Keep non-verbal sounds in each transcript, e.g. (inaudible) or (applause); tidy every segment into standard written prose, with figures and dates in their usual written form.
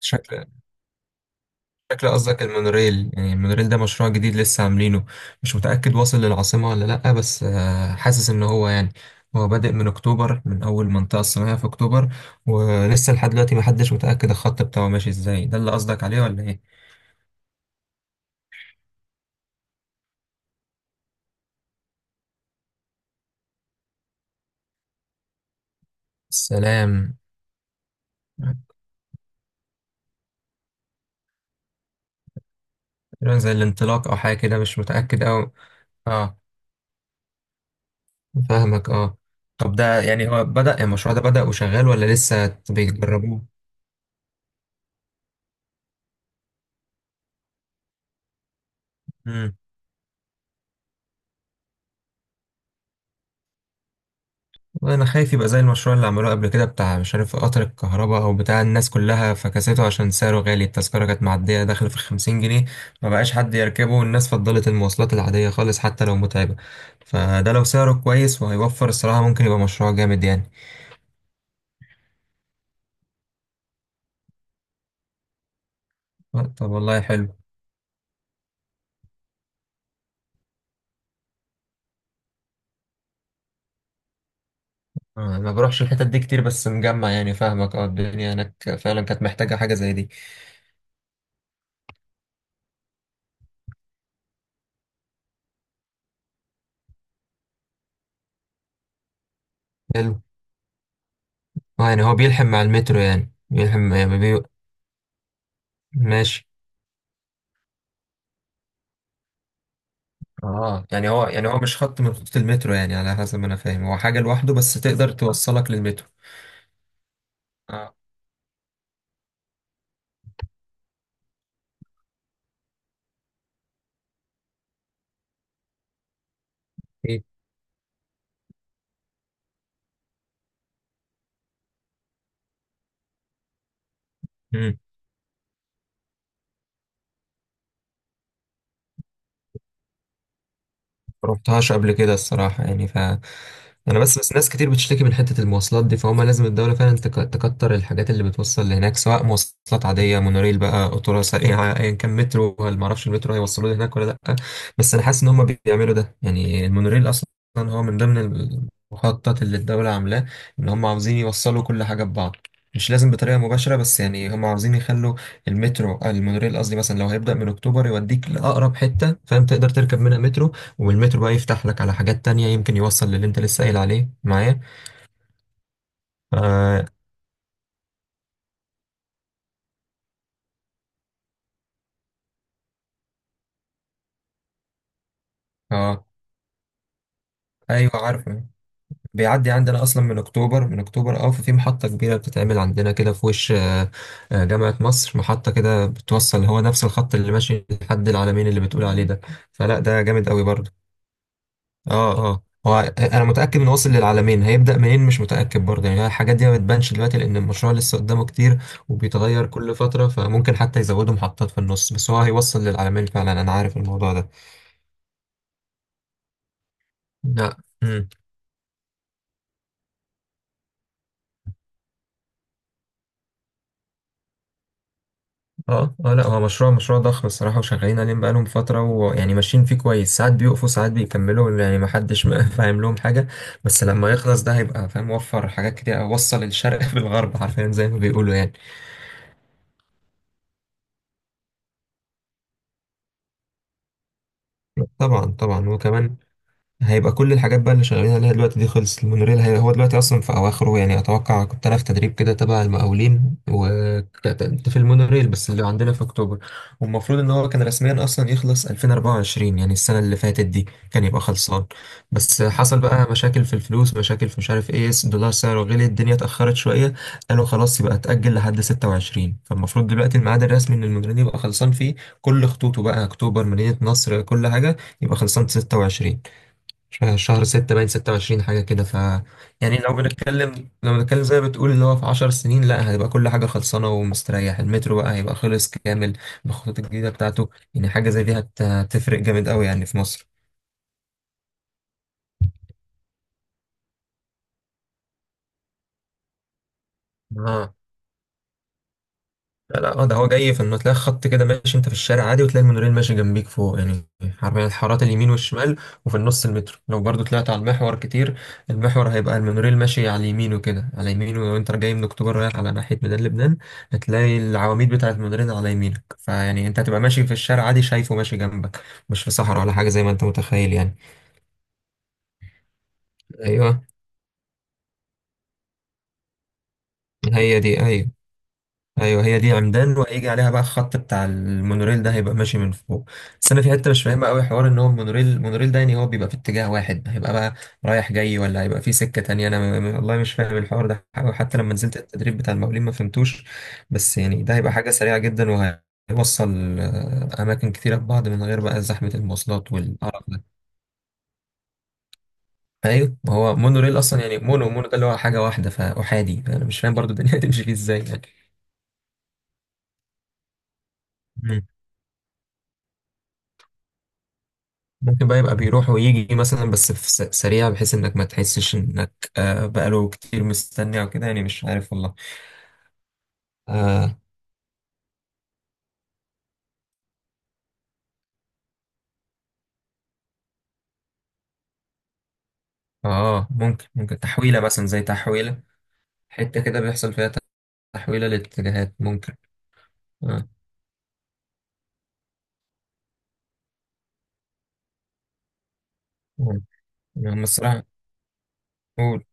شكل شكل قصدك المونوريل. يعني المونوريل ده مشروع جديد لسه عاملينه. مش متأكد واصل للعاصمة ولا لأ، بس حاسس إن هو يعني هو بادئ من أكتوبر، من أول منطقة الصناعية في أكتوبر. ولسه لحد دلوقتي محدش متأكد الخط بتاعه ماشي إزاي، ده اللي قصدك عليه ولا إيه؟ السلام. تقريبا زي الانطلاق أو حاجة كده، مش متأكد أوي. أه، فاهمك أه. طب ده يعني هو بدأ، يعني المشروع ده بدأ وشغال ولا لسه بيجربوه؟ والله انا خايف يبقى زي المشروع اللي عملوه قبل كده، بتاع مش عارف قطر الكهرباء او بتاع، الناس كلها فكسته عشان سعره غالي. التذكرة كانت معدية داخل في 50 جنيه، ما بقاش حد يركبه، والناس فضلت المواصلات العادية خالص حتى لو متعبة. فده لو سعره كويس وهيوفر الصراحة، ممكن يبقى مشروع جامد يعني. طب والله حلو. ما بروحش الحتت دي كتير، بس مجمع، يعني فاهمك، اه الدنيا هناك فعلا كانت محتاجة حاجة زي دي. حلو. اه يعني هو بيلحم مع المترو، يعني بيلحم يعني. ماشي. اه يعني هو مش خط من خطوط المترو، يعني على حسب ما انا فاهم هو حاجة لوحده بس تقدر توصلك للمترو. اه. ايه. مروحتهاش قبل كده الصراحة، يعني أنا بس ناس كتير بتشتكي من حتة المواصلات دي، فهم لازم الدولة فعلا تكتر الحاجات اللي بتوصل لهناك، سواء مواصلات عادية، مونوريل بقى، قطورة سريعة (laughs) أيا كان، مترو، ولا معرفش المترو هيوصلوا لي هناك ولا لأ. بس أنا حاسس إن هم بيعملوا ده، يعني المونوريل أصلا هو من ضمن المخطط اللي الدولة عاملاه، إن هم عاوزين يوصلوا كل حاجة ببعض، مش لازم بطريقة مباشرة بس، يعني هم عاوزين يخلوا المترو، المونوريل قصدي، مثلا لو هيبدأ من أكتوبر يوديك لأقرب حتة فاهم تقدر تركب منها مترو، والمترو بقى يفتح لك على حاجات تانية، يمكن يوصل للي انت لسه قايل عليه معايا. اه، آه. ايوه عارفه. بيعدي عندنا اصلا من اكتوبر، اه ففي محطة كبيرة بتتعمل عندنا كده في وش آه. آه، جامعة مصر، محطة كده بتوصل، هو نفس الخط اللي ماشي لحد العلمين اللي بتقول عليه ده. فلا ده جامد قوي برضه. اه اه، هو انا متاكد انه واصل للعالمين، هيبدا منين مش متاكد برضه. يعني الحاجات دي ما بتبانش دلوقتي لان المشروع لسه قدامه كتير وبيتغير كل فتره، فممكن حتى يزودوا محطات في النص، بس هو هيوصل للعالمين فعلا، انا عارف الموضوع ده. لا. امم اه اه، لا هو مشروع، مشروع ضخم الصراحه، وشغالين عليه بقالهم فتره، ويعني ماشيين فيه كويس، ساعات بيقفوا ساعات بيكملوا، يعني ما حدش (laughs) فاهم لهم حاجه. بس لما يخلص ده هيبقى فاهم، وفر حاجات كتير، وصل الشرق (laughs) بالغرب حرفيا زي ما بيقولوا يعني. طبعا طبعا، وكمان هيبقى كل الحاجات بقى اللي شغالين عليها دلوقتي دي خلصت، المونوريل هو دلوقتي اصلا في اواخره، يعني اتوقع، كنت انا في تدريب كده تبع المقاولين وكنت في المونوريل بس اللي عندنا في اكتوبر، والمفروض ان هو كان رسميا اصلا يخلص 2024، يعني السنه اللي فاتت دي كان يبقى خلصان. بس حصل بقى مشاكل في الفلوس، مشاكل في مش عارف ايه، الدولار سعره غلي، الدنيا اتاخرت شويه، قالوا خلاص يبقى اتاجل لحد 26، فالمفروض دلوقتي الميعاد الرسمي ان المونوريل يبقى خلصان فيه كل خطوطه بقى، اكتوبر، مدينه نصر، كل حاجه، يبقى خلصان 26، شهر 6، باين 26 حاجة كده ف. يعني لو بنتكلم، لو بنتكلم زي ما بتقول اللي هو في 10 سنين، لا هيبقى كل حاجة خلصانة ومستريح، المترو بقى هيبقى خلص كامل بالخطوط الجديدة بتاعته، يعني حاجة زي دي هتفرق جامد قوي يعني في مصر. اه، لا لا، اه ده هو جاي في انه تلاقي خط كده ماشي انت في الشارع عادي وتلاقي المونوريل ماشي جنبيك فوق يعني، حرفيا الحارات اليمين والشمال، وفي النص المترو، لو برضو طلعت على المحور كتير المحور هيبقى المونوريل ماشي على يمينه كده، على يمينه لو انت جاي من اكتوبر رايح على ناحية ميدان لبنان هتلاقي العواميد بتاعة المونوريل على يمينك، فيعني انت هتبقى ماشي في الشارع عادي شايفه ماشي جنبك، مش في صحراء ولا حاجة زي ما انت متخيل يعني. ايوه هي دي. ايوه ايوه هي دي عمدان، وهيجي عليها بقى الخط بتاع المونوريل، ده هيبقى ماشي من فوق. بس انا في حته مش فاهمها قوي، حوار ان هو المونوريل، المونوريل ده يعني هو بيبقى في اتجاه واحد، هيبقى بقى رايح جاي ولا هيبقى في سكه تانية، انا والله مش فاهم الحوار ده أوي. حتى لما نزلت التدريب بتاع المقاولين ما فهمتوش. بس يعني ده هيبقى حاجه سريعه جدا وهيوصل اماكن كتيره ببعض من غير بقى زحمه المواصلات والقرف ده. ايوه ما هو مونوريل اصلا، يعني مونو ده اللي هو حاجه واحده، فاحادي، انا مش فاهم برضو الدنيا (laughs) هتمشي فيه ازاي يعني. ممكن بقى يبقى بيروح ويجي مثلا، بس في سريع بحيث انك ما تحسش انك بقاله كتير مستني او كده، يعني مش عارف والله. اه اه، ممكن، ممكن تحويلة مثلا، زي تحويلة، حتة كده بيحصل فيها تحويلة للاتجاهات، ممكن. اه ممكن. هم الصراحة. قول.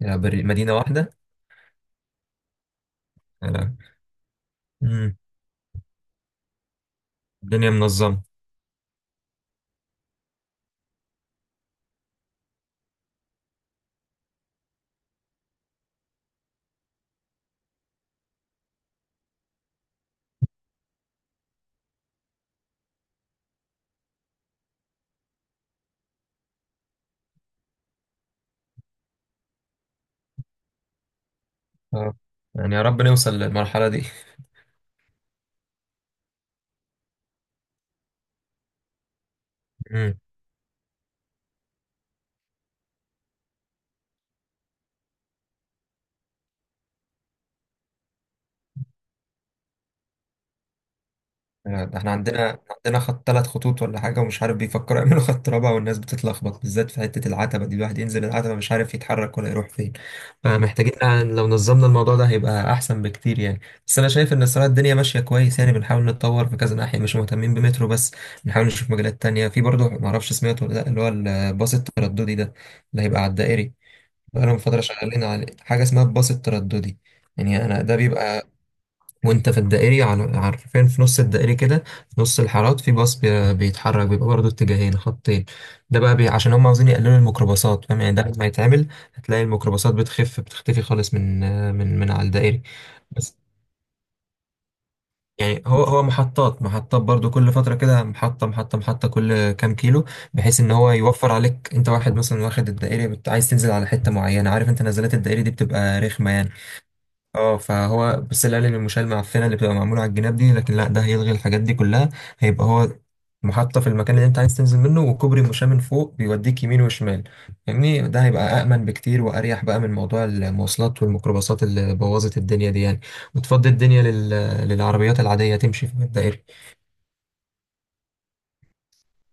يا بري، مدينة واحدة. آه. مم. الدنيا منظمة. اه يعني يا رب نوصل للمرحلة دي. يعني ده احنا عندنا خط، 3 خطوط ولا حاجة، ومش عارف بيفكروا يعملوا (laughs) خط رابع، والناس بتتلخبط بالذات في حتة العتبة دي، الواحد ينزل العتبة مش عارف يتحرك ولا يروح فين، فمحتاجين يعني لو نظمنا الموضوع ده هيبقى أحسن بكتير يعني. بس أنا شايف إن الصراحة الدنيا ماشية كويس يعني، بنحاول نتطور في كذا ناحية، مش مهتمين بمترو بس، بنحاول نشوف مجالات تانية في برضه، معرفش سمعته ولا لأ اللي هو الباص الترددي ده اللي هيبقى على الدائري. بقالهم فترة شغالين عليه حاجة اسمها الباص الترددي، يعني أنا ده بيبقى، وانت في الدائري على عارفين في نص الدائري كده، في نص الحارات في باص بيتحرك، بيبقى برضه اتجاهين خطين، ده بقى عشان هم عاوزين يقللوا الميكروباصات فاهم يعني، ده لما يتعمل هتلاقي الميكروباصات بتخف، بتختفي خالص من على الدائري. بس يعني هو هو محطات محطات برضو، كل فترة كده محطة محطة محطة، كل كام كيلو، بحيث ان هو يوفر عليك انت، واحد مثلا واخد الدائري عايز تنزل على حتة معينة، عارف انت نزلات الدائري دي بتبقى رخمة يعني. اه، فهو بس القالب المشال المعفنه اللي بتبقى معموله على الجناب دي، لكن لا ده هيلغي الحاجات دي كلها، هيبقى هو محطة في المكان اللي انت عايز تنزل منه، وكوبري مشاة من فوق بيوديك يمين وشمال، فاهمني، ده هيبقى أأمن بكتير وأريح بقى من موضوع المواصلات والميكروباصات اللي بوظت الدنيا دي يعني، وتفضي الدنيا للعربيات العادية تمشي في الدائرة.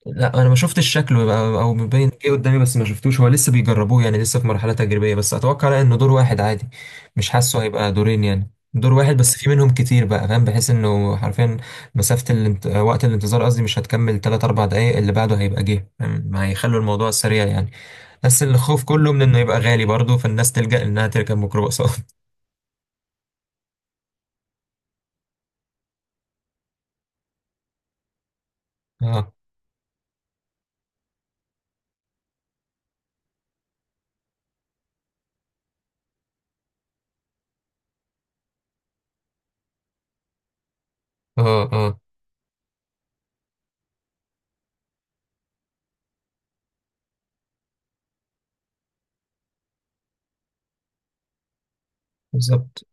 لا انا ما شفتش شكله، يبقى- او مبين ايه قدامي، بس ما شفتوش، هو لسه بيجربوه يعني لسه في مرحله تجريبيه، بس اتوقع انه دور واحد عادي، مش حاسه هيبقى دورين، يعني دور واحد بس في منهم كتير بقى فاهم، بحيث انه حرفيا وقت الانتظار قصدي مش هتكمل 3 4 دقائق، اللي بعده هيبقى جه فاهم؟ ما هيخلوا الموضوع سريع يعني. بس الخوف كله من انه يبقى غالي برضه، فالناس تلجأ انها تركب ميكروباصات. (laughs) اه اه اه بالظبط.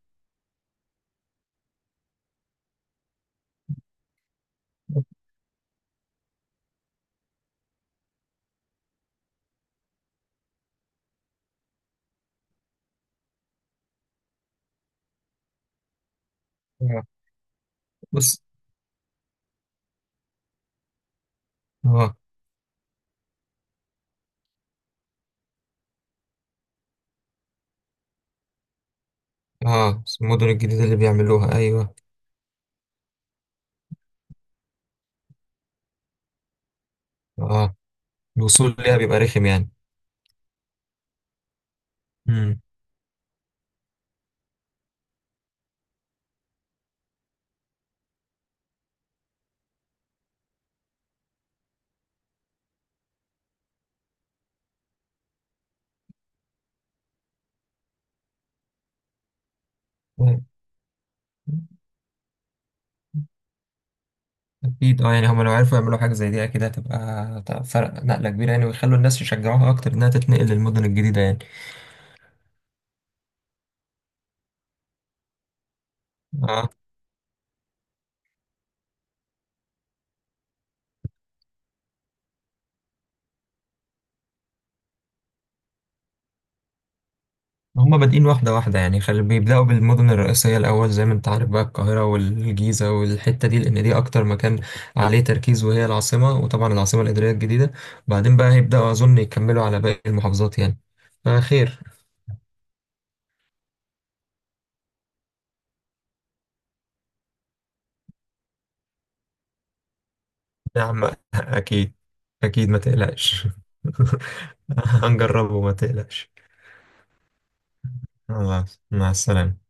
آه، بص. اه اه المدن الجديده اللي بيعملوها ايوه. اه الوصول ليها بيبقى رخم يعني. امم اكيد، اه يعني هما لو عرفوا يعملوا حاجه زي دي اكيد هتبقى، هتبقى فرق نقله كبيره يعني، ويخلوا الناس يشجعوها اكتر انها تتنقل للمدن الجديده يعني. اه هما بادئين واحده واحده، يعني بيبداوا بالمدن الرئيسيه الاول زي ما انت عارف بقى، القاهره والجيزه والحته دي، لان دي اكتر مكان عليه تركيز وهي العاصمه، وطبعا العاصمه الاداريه الجديده، بعدين بقى هيبداوا اظن يكملوا على باقي المحافظات يعني. فخير. يا عم أكيد. أكيد ما تقلقش. (laughs) هنجربه ما تقلقش. خلاص مع السلامة.